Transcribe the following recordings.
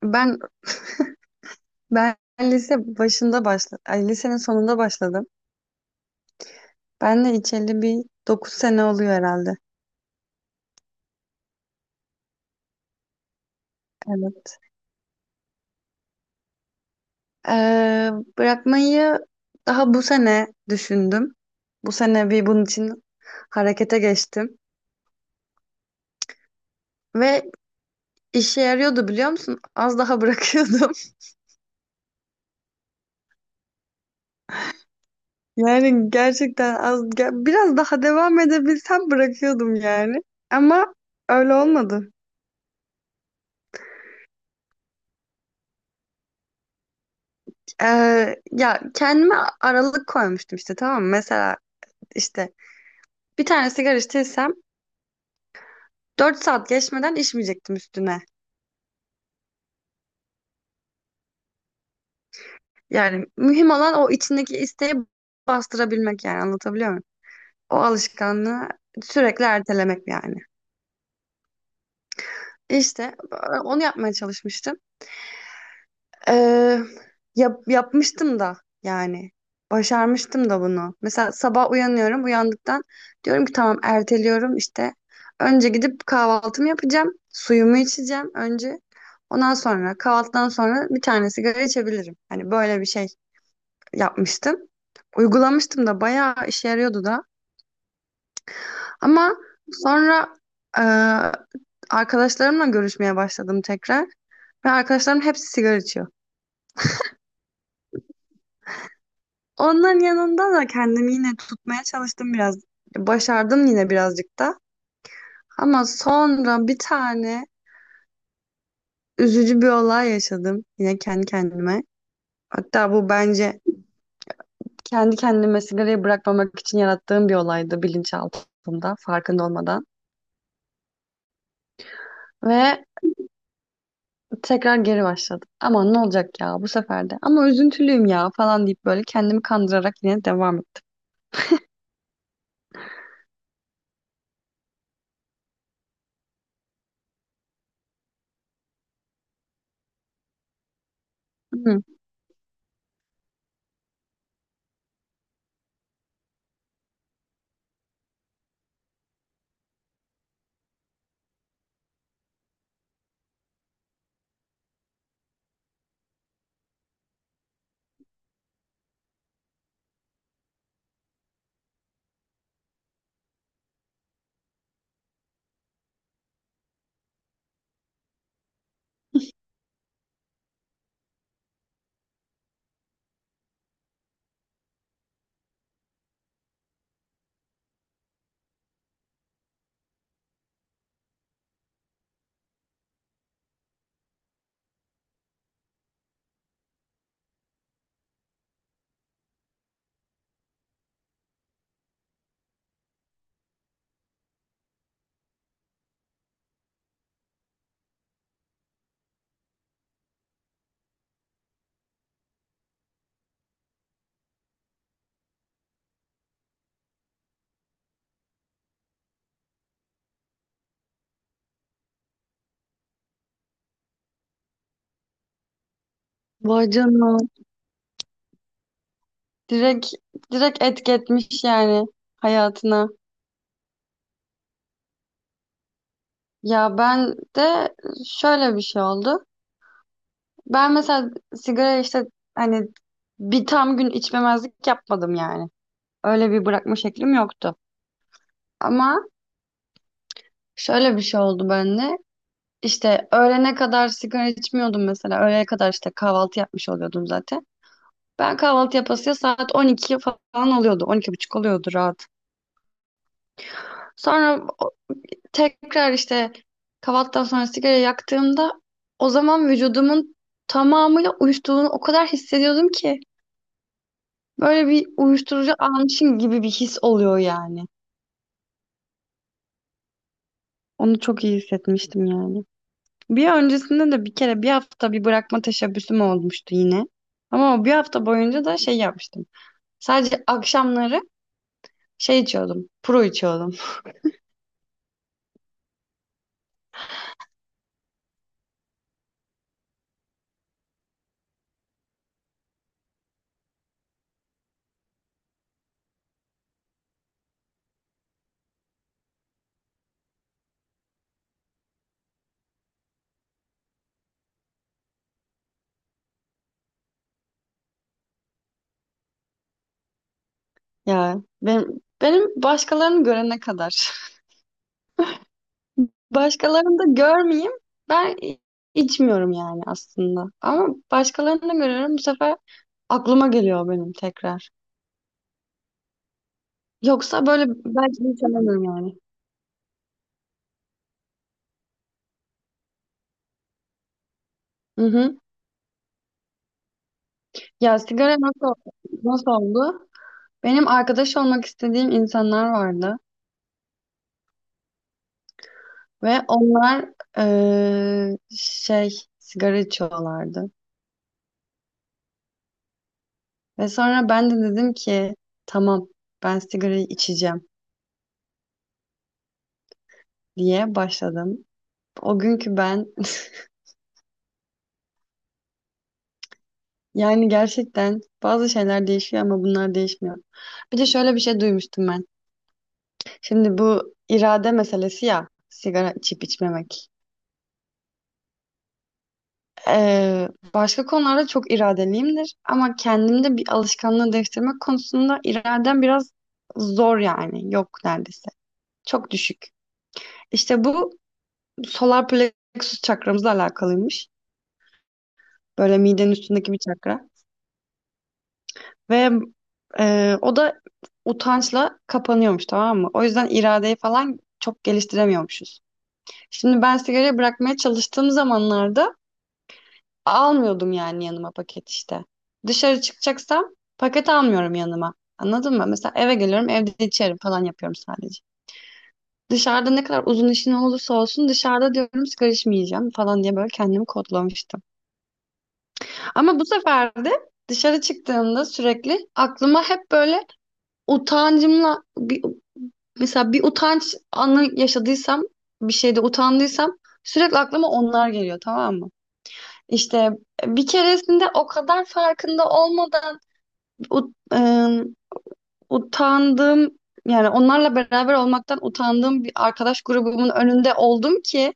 Tamam. Ben lise başında lisenin sonunda başladım. Ben de içeli bir 9 sene oluyor herhalde. Evet. Ee, Bırakmayı daha bu sene düşündüm. Bu sene bir bunun için harekete geçtim. Ve işe yarıyordu biliyor musun? Az daha bırakıyordum. Yani gerçekten biraz daha devam edebilsem bırakıyordum yani. Ama öyle olmadı. Ya kendime aralık koymuştum işte, tamam mı? Mesela İşte bir tane sigara içtiysem 4 saat geçmeden içmeyecektim üstüne. Yani mühim olan o içindeki isteği bastırabilmek, yani anlatabiliyor muyum? O alışkanlığı sürekli ertelemek yani. İşte onu yapmaya çalışmıştım. Ee, Yapmıştım da yani. Başarmıştım da bunu. Mesela sabah uyanıyorum. Uyandıktan diyorum ki tamam, erteliyorum işte. Önce gidip kahvaltımı yapacağım. Suyumu içeceğim önce. Ondan sonra, kahvaltıdan sonra bir tane sigara içebilirim. Hani böyle bir şey yapmıştım. Uygulamıştım da, bayağı işe yarıyordu da. Ama sonra e, arkadaşlarımla görüşmeye başladım tekrar. Ve arkadaşlarım hepsi sigara içiyor. Onların yanında da kendimi yine tutmaya çalıştım biraz. Başardım yine birazcık da. Ama sonra bir tane üzücü bir olay yaşadım yine kendi kendime. Hatta bu bence kendi kendime sigarayı bırakmamak için yarattığım bir olaydı, bilinçaltımda farkında olmadan. Ve tekrar geri başladım. Aman ne olacak ya bu sefer de. Ama üzüntülüyüm ya falan deyip böyle kendimi kandırarak yine devam ettim. Hı. Vay canına. Direkt, direkt etki etmiş yani hayatına. Ya ben de şöyle bir şey oldu. Ben mesela sigara işte hani bir tam gün içmemezlik yapmadım yani. Öyle bir bırakma şeklim yoktu. Ama şöyle bir şey oldu bende. İşte öğlene kadar sigara içmiyordum mesela. Öğlene kadar işte kahvaltı yapmış oluyordum zaten. Ben kahvaltı yapasıya saat 12 falan oluyordu. 12 buçuk oluyordu rahat. Sonra tekrar işte kahvaltıdan sonra sigara yaktığımda o zaman vücudumun tamamıyla uyuştuğunu o kadar hissediyordum ki, böyle bir uyuşturucu almışım gibi bir his oluyor yani. Onu çok iyi hissetmiştim yani. Bir öncesinde de bir kere bir hafta bir bırakma teşebbüsüm olmuştu yine. Ama o bir hafta boyunca da şey yapmıştım. Sadece akşamları şey içiyordum. Pro içiyordum. Ya benim başkalarını görene kadar. Başkalarını da görmeyeyim. Ben i- içmiyorum yani aslında. Ama başkalarını da görüyorum. Bu sefer aklıma geliyor benim tekrar. Yoksa böyle belki hiç alamıyorum yani. Hı hı. Ya sigara nasıl oldu? Benim arkadaş olmak istediğim insanlar vardı. Ve onlar eee, şey sigara içiyorlardı. Ve sonra ben de dedim ki tamam, ben sigarayı içeceğim diye başladım. O günkü ben. Yani gerçekten bazı şeyler değişiyor ama bunlar değişmiyor. Bir de şöyle bir şey duymuştum ben. Şimdi bu irade meselesi ya, sigara içip içmemek. Başka konularda çok iradeliyimdir ama kendimde bir alışkanlığı değiştirmek konusunda iradem biraz zor yani. Yok neredeyse. Çok düşük. İşte bu solar plexus çakramızla alakalıymış. Böyle midenin üstündeki bir çakra. Ve o da utançla kapanıyormuş, tamam mı? O yüzden iradeyi falan çok geliştiremiyormuşuz. Şimdi ben sigarayı bırakmaya çalıştığım zamanlarda almıyordum yani yanıma paket işte. Dışarı çıkacaksam paket almıyorum yanıma. Anladın mı? Mesela eve geliyorum, evde içerim falan yapıyorum sadece. Dışarıda ne kadar uzun işin olursa olsun, dışarıda diyorum sigara içmeyeceğim falan diye böyle kendimi kodlamıştım. Ama bu sefer de dışarı çıktığımda sürekli aklıma hep böyle utancımla bir, mesela bir utanç anı yaşadıysam, bir şeyde utandıysam sürekli aklıma onlar geliyor, tamam mı? İşte bir keresinde o kadar farkında olmadan ut- ıı, utandığım, yani onlarla beraber olmaktan utandığım bir arkadaş grubumun önünde oldum ki,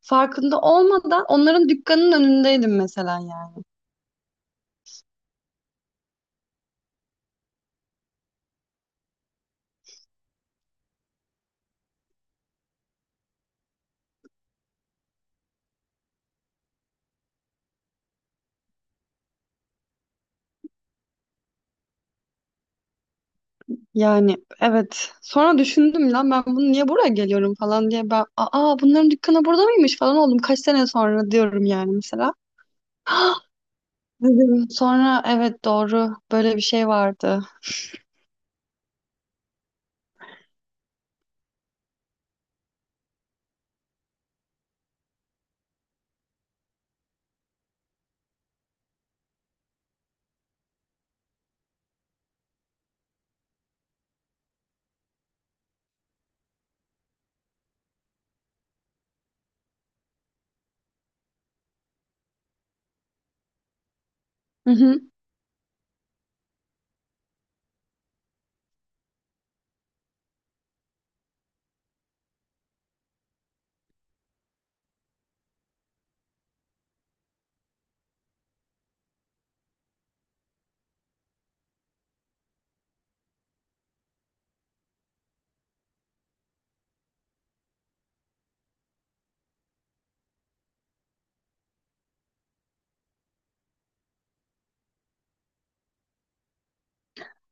farkında olmadan onların dükkanının önündeydim mesela yani. Yani evet. Sonra düşündüm, lan ben bunu niye buraya geliyorum falan diye, ben aa bunların dükkanı burada mıymış falan oldum. Kaç sene sonra diyorum yani mesela. Dedim. Sonra evet doğru, böyle bir şey vardı. Hı hı.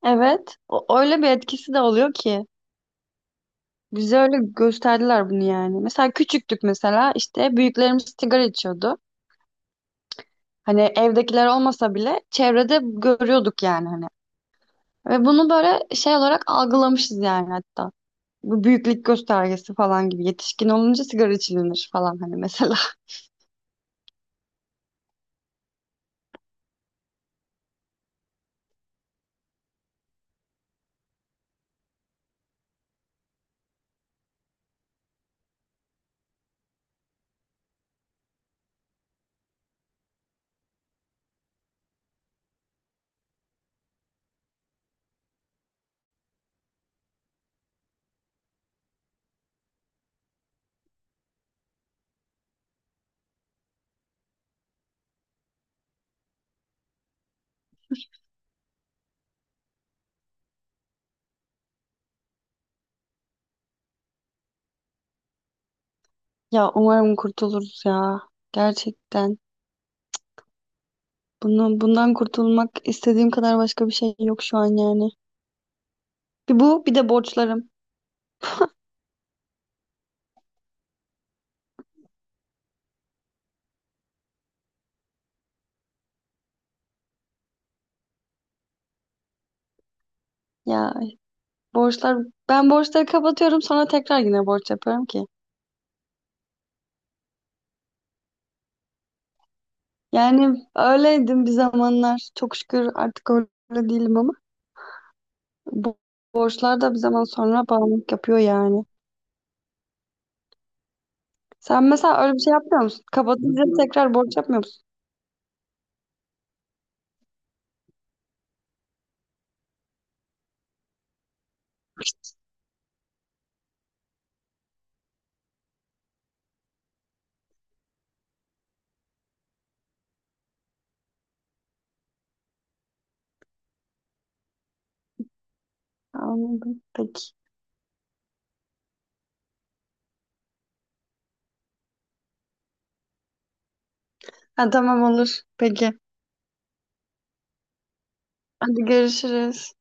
Evet. O, öyle bir etkisi de oluyor ki. Bize öyle gösterdiler bunu yani. Mesela küçüktük, mesela işte büyüklerimiz sigara içiyordu. Hani evdekiler olmasa bile çevrede görüyorduk yani hani. Ve bunu böyle şey olarak algılamışız yani, hatta. Bu büyüklük göstergesi falan gibi. Yetişkin olunca sigara içilinir falan hani mesela. Ya umarım kurtuluruz ya. Gerçekten. Bundan kurtulmak istediğim kadar başka bir şey yok şu an yani. Bir bu, bir de borçlarım. Ya borçlar, ben borçları kapatıyorum sonra tekrar yine borç yapıyorum ki. Yani öyleydim bir zamanlar. Çok şükür artık öyle değilim ama bu borçlar da bir zaman sonra bağımlılık yapıyor yani. Sen mesela öyle bir şey yapmıyor musun? Kapatınca tekrar borç yapmıyor musun? Anladım. Peki. Ha, tamam olur. Peki. Hadi görüşürüz.